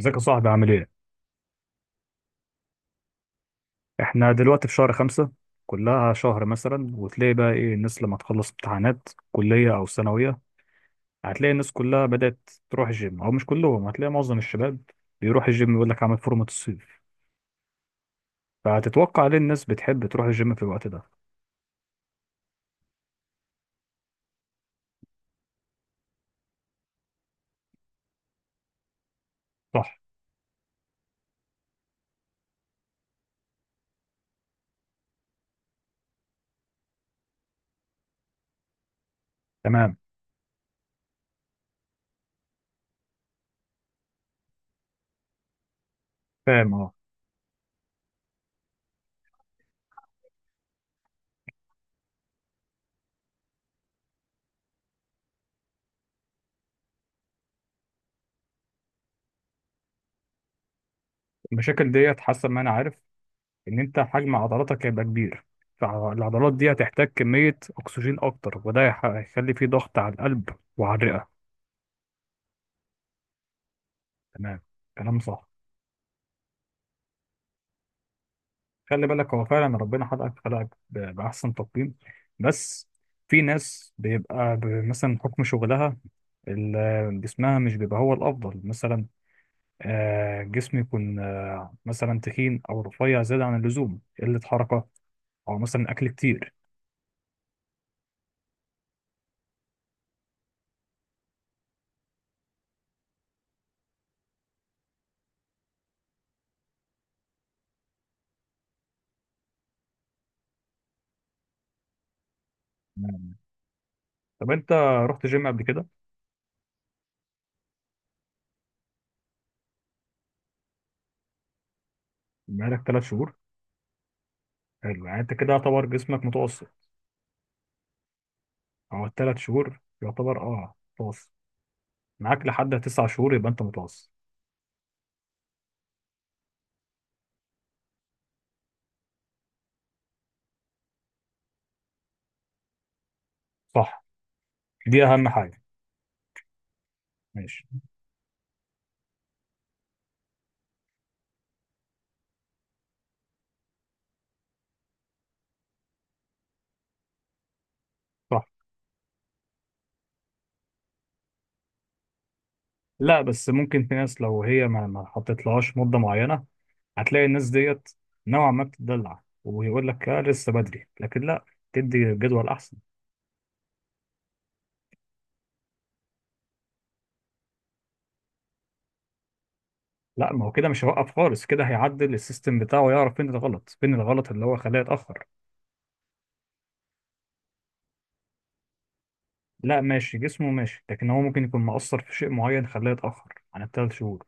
ازيك يا صاحبي؟ عامل ايه؟ احنا دلوقتي في شهر خمسة، كلها شهر مثلا، وتلاقي بقى ايه الناس لما تخلص امتحانات كلية أو ثانوية. هتلاقي الناس كلها بدأت تروح الجيم، أو مش كلهم، هتلاقي معظم الشباب بيروح الجيم، يقول لك عامل فورمة الصيف. فهتتوقع ليه الناس بتحب تروح الجيم في الوقت ده؟ صح. تمام. فاهم، اه. المشاكل ديت حسب ما أنا عارف إن أنت حجم عضلاتك هيبقى كبير، فالعضلات دي هتحتاج كمية أكسجين أكتر، وده هيخلي فيه ضغط على القلب وعلى الرئة. تمام. كلام صح. خلي بالك، هو فعلا ربنا خلقك، بأحسن تقييم. بس في ناس بيبقى مثلا حكم شغلها، جسمها مش بيبقى هو الأفضل مثلا. جسم يكون، مثلا تخين أو رفيع زيادة عن اللزوم، قلة حركة، أو مثلا أكل كتير. نعم. طب أنت رحت جيم قبل كده؟ بقالك 3 شهور؟ حلو، يعني أنت كده يعتبر جسمك متوسط، أو التلات شهور يعتبر أه متوسط. معاك لحد 9 شهور يبقى أنت متوسط. صح. دي أهم حاجة. ماشي. صح. لا، بس ممكن في ناس لو هي ما حطيتلهاش مدة معينة، هتلاقي الناس ديت نوعا ما بتدلع، ويقول لك آه لسه بدري، لكن لا. تدي جدول أحسن. لا، ما هو كده مش هيوقف خالص، كده هيعدل السيستم بتاعه، يعرف فين الغلط، فين الغلط اللي هو خلاه يتأخر. لا، ماشي، جسمه ماشي، لكن هو ممكن يكون مقصر في شيء معين خلاه يتأخر عن الثلاث شهور.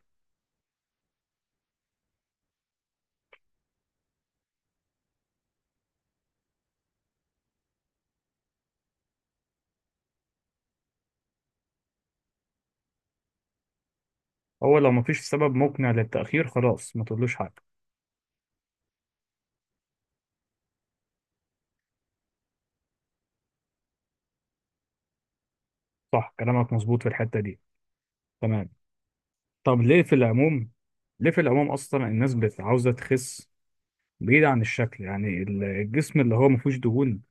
هو لو مفيش سبب مقنع للتأخير خلاص ما تقولوش حاجة. صح، كلامك مظبوط في الحتة دي. تمام. طب ليه في العموم؟ ليه في العموم اصلا الناس عاوزه تخس؟ بعيد عن الشكل، يعني الجسم اللي هو ما فيهوش دهون.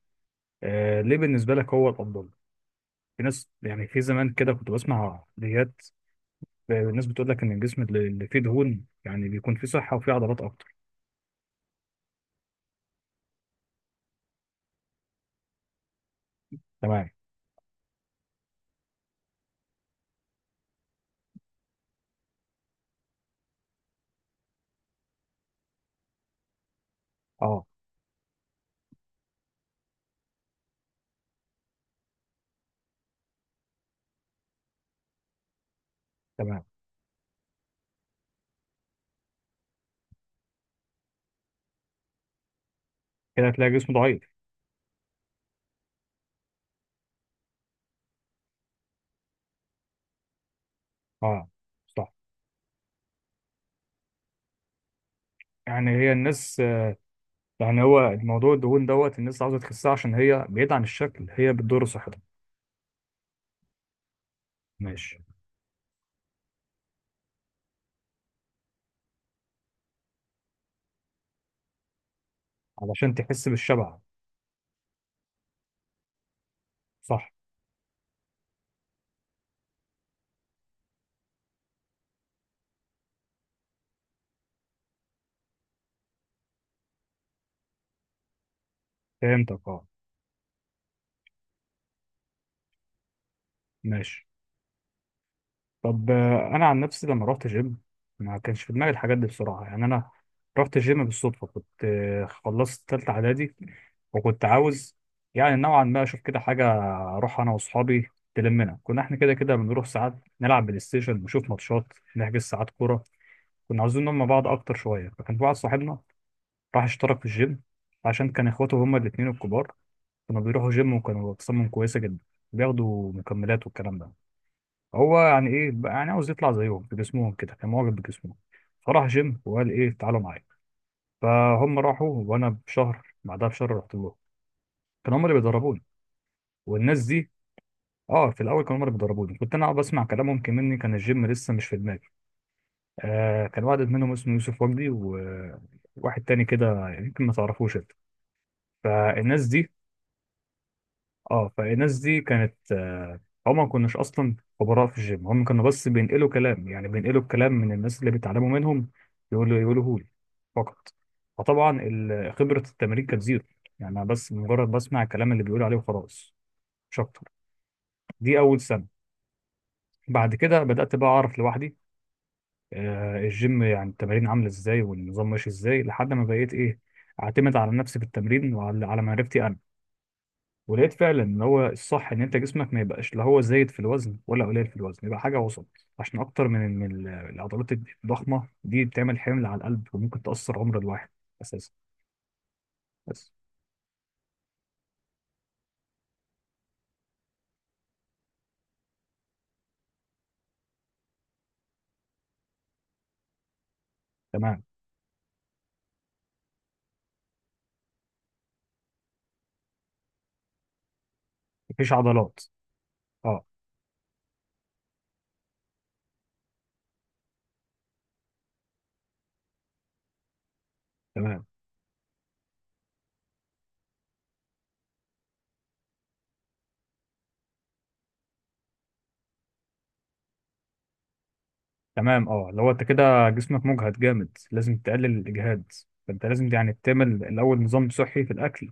آه، ليه بالنسبه لك هو الافضل؟ في ناس يعني في زمان كده كنت بسمع فيديوهات، الناس بتقول لك ان الجسم اللي فيه دهون يعني بيكون فيه صحه وفيه عضلات اكتر. تمام. اه. تمام. كده هتلاقي جسم ضعيف. اه. صح. يعني هي الناس، يعني هو الموضوع الدهون دوت الناس عاوزه تخسها، عشان هي بعيد عن الشكل هي بتضر صحتها. ماشي. علشان تحس بالشبع. صح. فهمتك، اه. ماشي. طب، انا عن نفسي لما رحت جيم ما كانش في دماغي الحاجات دي بسرعه، يعني انا رحت جيم بالصدفه. كنت، خلصت تالتة اعدادي، وكنت عاوز يعني نوعا ما اشوف كده حاجه، اروح انا واصحابي، تلمنا. كنا احنا كده كده بنروح ساعات، نلعب بلاي ستيشن، نشوف ماتشات، نحجز ساعات كوره. كنا عاوزين نلم بعض اكتر شويه، فكان في واحد صاحبنا راح اشترك في الجيم، عشان كان اخواته هما الاتنين الكبار كانوا بيروحوا جيم، وكانوا اجسامهم كويسه جدا، بياخدوا مكملات والكلام ده. هو يعني ايه بقى، يعني عاوز يطلع زيهم بجسمهم، كده كان معجب بجسمهم. فراح جيم وقال، ايه تعالوا معايا. فهم راحوا وانا بشهر بعدها بشهر رحت لهم. كانوا هم اللي بيدربوني والناس دي. اه، في الاول كانوا هم اللي بيدربوني، كنت انا أقعد بسمع كلامهم كمني، كان الجيم لسه مش في دماغي. آه، كان واحد منهم اسمه يوسف وجدي، وواحد تاني كده يمكن ما تعرفوش انت. فالناس دي، اه، فالناس دي كانت، هم ما كناش اصلا خبراء في الجيم، هم كانوا بس بينقلوا كلام، يعني بينقلوا الكلام من الناس اللي بيتعلموا منهم، يقولوه لي فقط. فطبعا خبرة التمرين كانت زيرو. يعني أنا بس مجرد بسمع الكلام اللي بيقولوا عليه وخلاص، مش اكتر. دي اول سنة. بعد كده بدأت بقى اعرف لوحدي، الجيم يعني التمارين عاملة ازاي، والنظام ماشي ازاي، لحد ما بقيت ايه، اعتمد على نفسي في التمرين، وعلى معرفتي. ولقيت فعلا ان هو الصح ان انت جسمك ما يبقاش لا هو زايد في الوزن ولا قليل في الوزن، يبقى حاجه وسط، عشان اكتر من إن العضلات الضخمه دي بتعمل حمل على القلب، وممكن تاثر عمر الواحد اساسا. بس. تمام. مفيش عضلات. اه. تمام. تمام، اه، لو انت كده جسمك مجهد جامد لازم تقلل الاجهاد. فانت لازم يعني تعمل الاول نظام صحي في الاكل،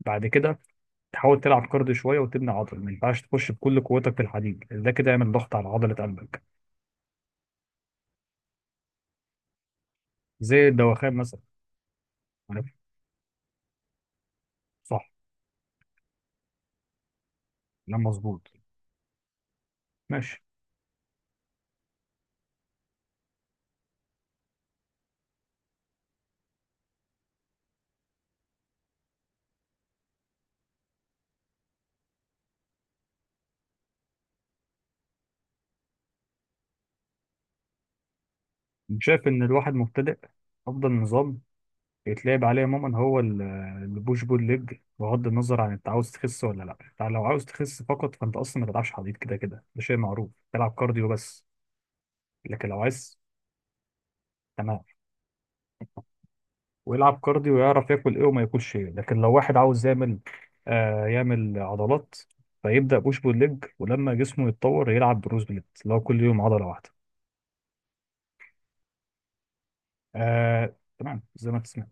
بعد كده تحاول تلعب كارديو شويه وتبني عضل. ما ينفعش تخش بكل قوتك في الحديد، ده كده يعمل ضغط على عضله قلبك. زي الدوخان مثلا. عارف؟ صح. لا، مظبوط. ماشي. شايف ان الواحد مبتدئ افضل نظام يتلعب عليه عموما هو البوش بول ليج، بغض النظر عن انت عاوز تخس ولا لا. انت لو عاوز تخس فقط فانت اصلا ما تلعبش حديد، كده كده ده شيء معروف، تلعب كارديو بس. لكن لو عايز. تمام. ويلعب كارديو، ويعرف ياكل ايه وما ياكلش ايه. لكن لو واحد عاوز يعمل، يعمل عضلات، فيبدا بوش بول ليج، ولما جسمه يتطور يلعب بروز بليت اللي هو كل يوم عضله واحده. آه، تمام زي ما انت سمعت.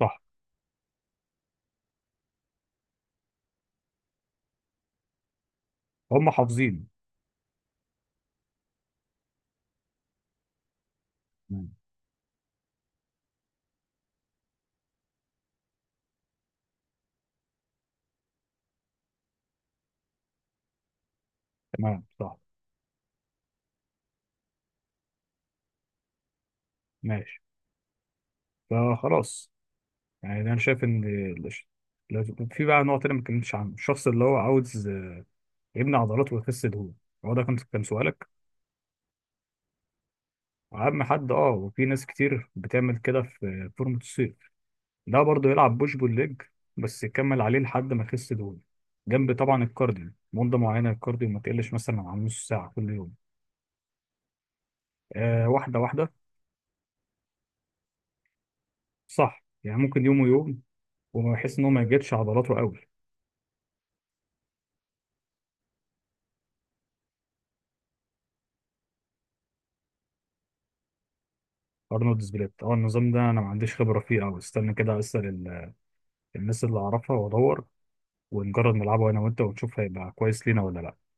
صح. هم حافظين. تمام. صح. ماشي. فخلاص. يعني انا شايف ان، الش- في بقى نوع تاني ما اتكلمتش عنه، الشخص اللي هو عاوز يبني عضلات ويخس دهون. هو ده كان سؤالك؟ اهم حد، اه. وفي ناس كتير بتعمل كده في فورمة الصيف. ده برضه يلعب بوش بول ليج، بس يكمل عليه لحد ما يخس دهون، جنب طبعا الكارديو مدة معينة. الكارديو ما تقلش مثلا عن نص ساعة كل يوم. آه، واحدة واحدة. صح، يعني ممكن يوم ويوم، وما يحس ان هو ما يجدش عضلاته قوي. ارنولد سبليت؟ اه، النظام ده انا ما عنديش خبره فيه قوي، استنى كده اسال الناس اللي اعرفها، وادور، ونجرب نلعبه انا وانت ونشوف هيبقى كويس لينا ولا لا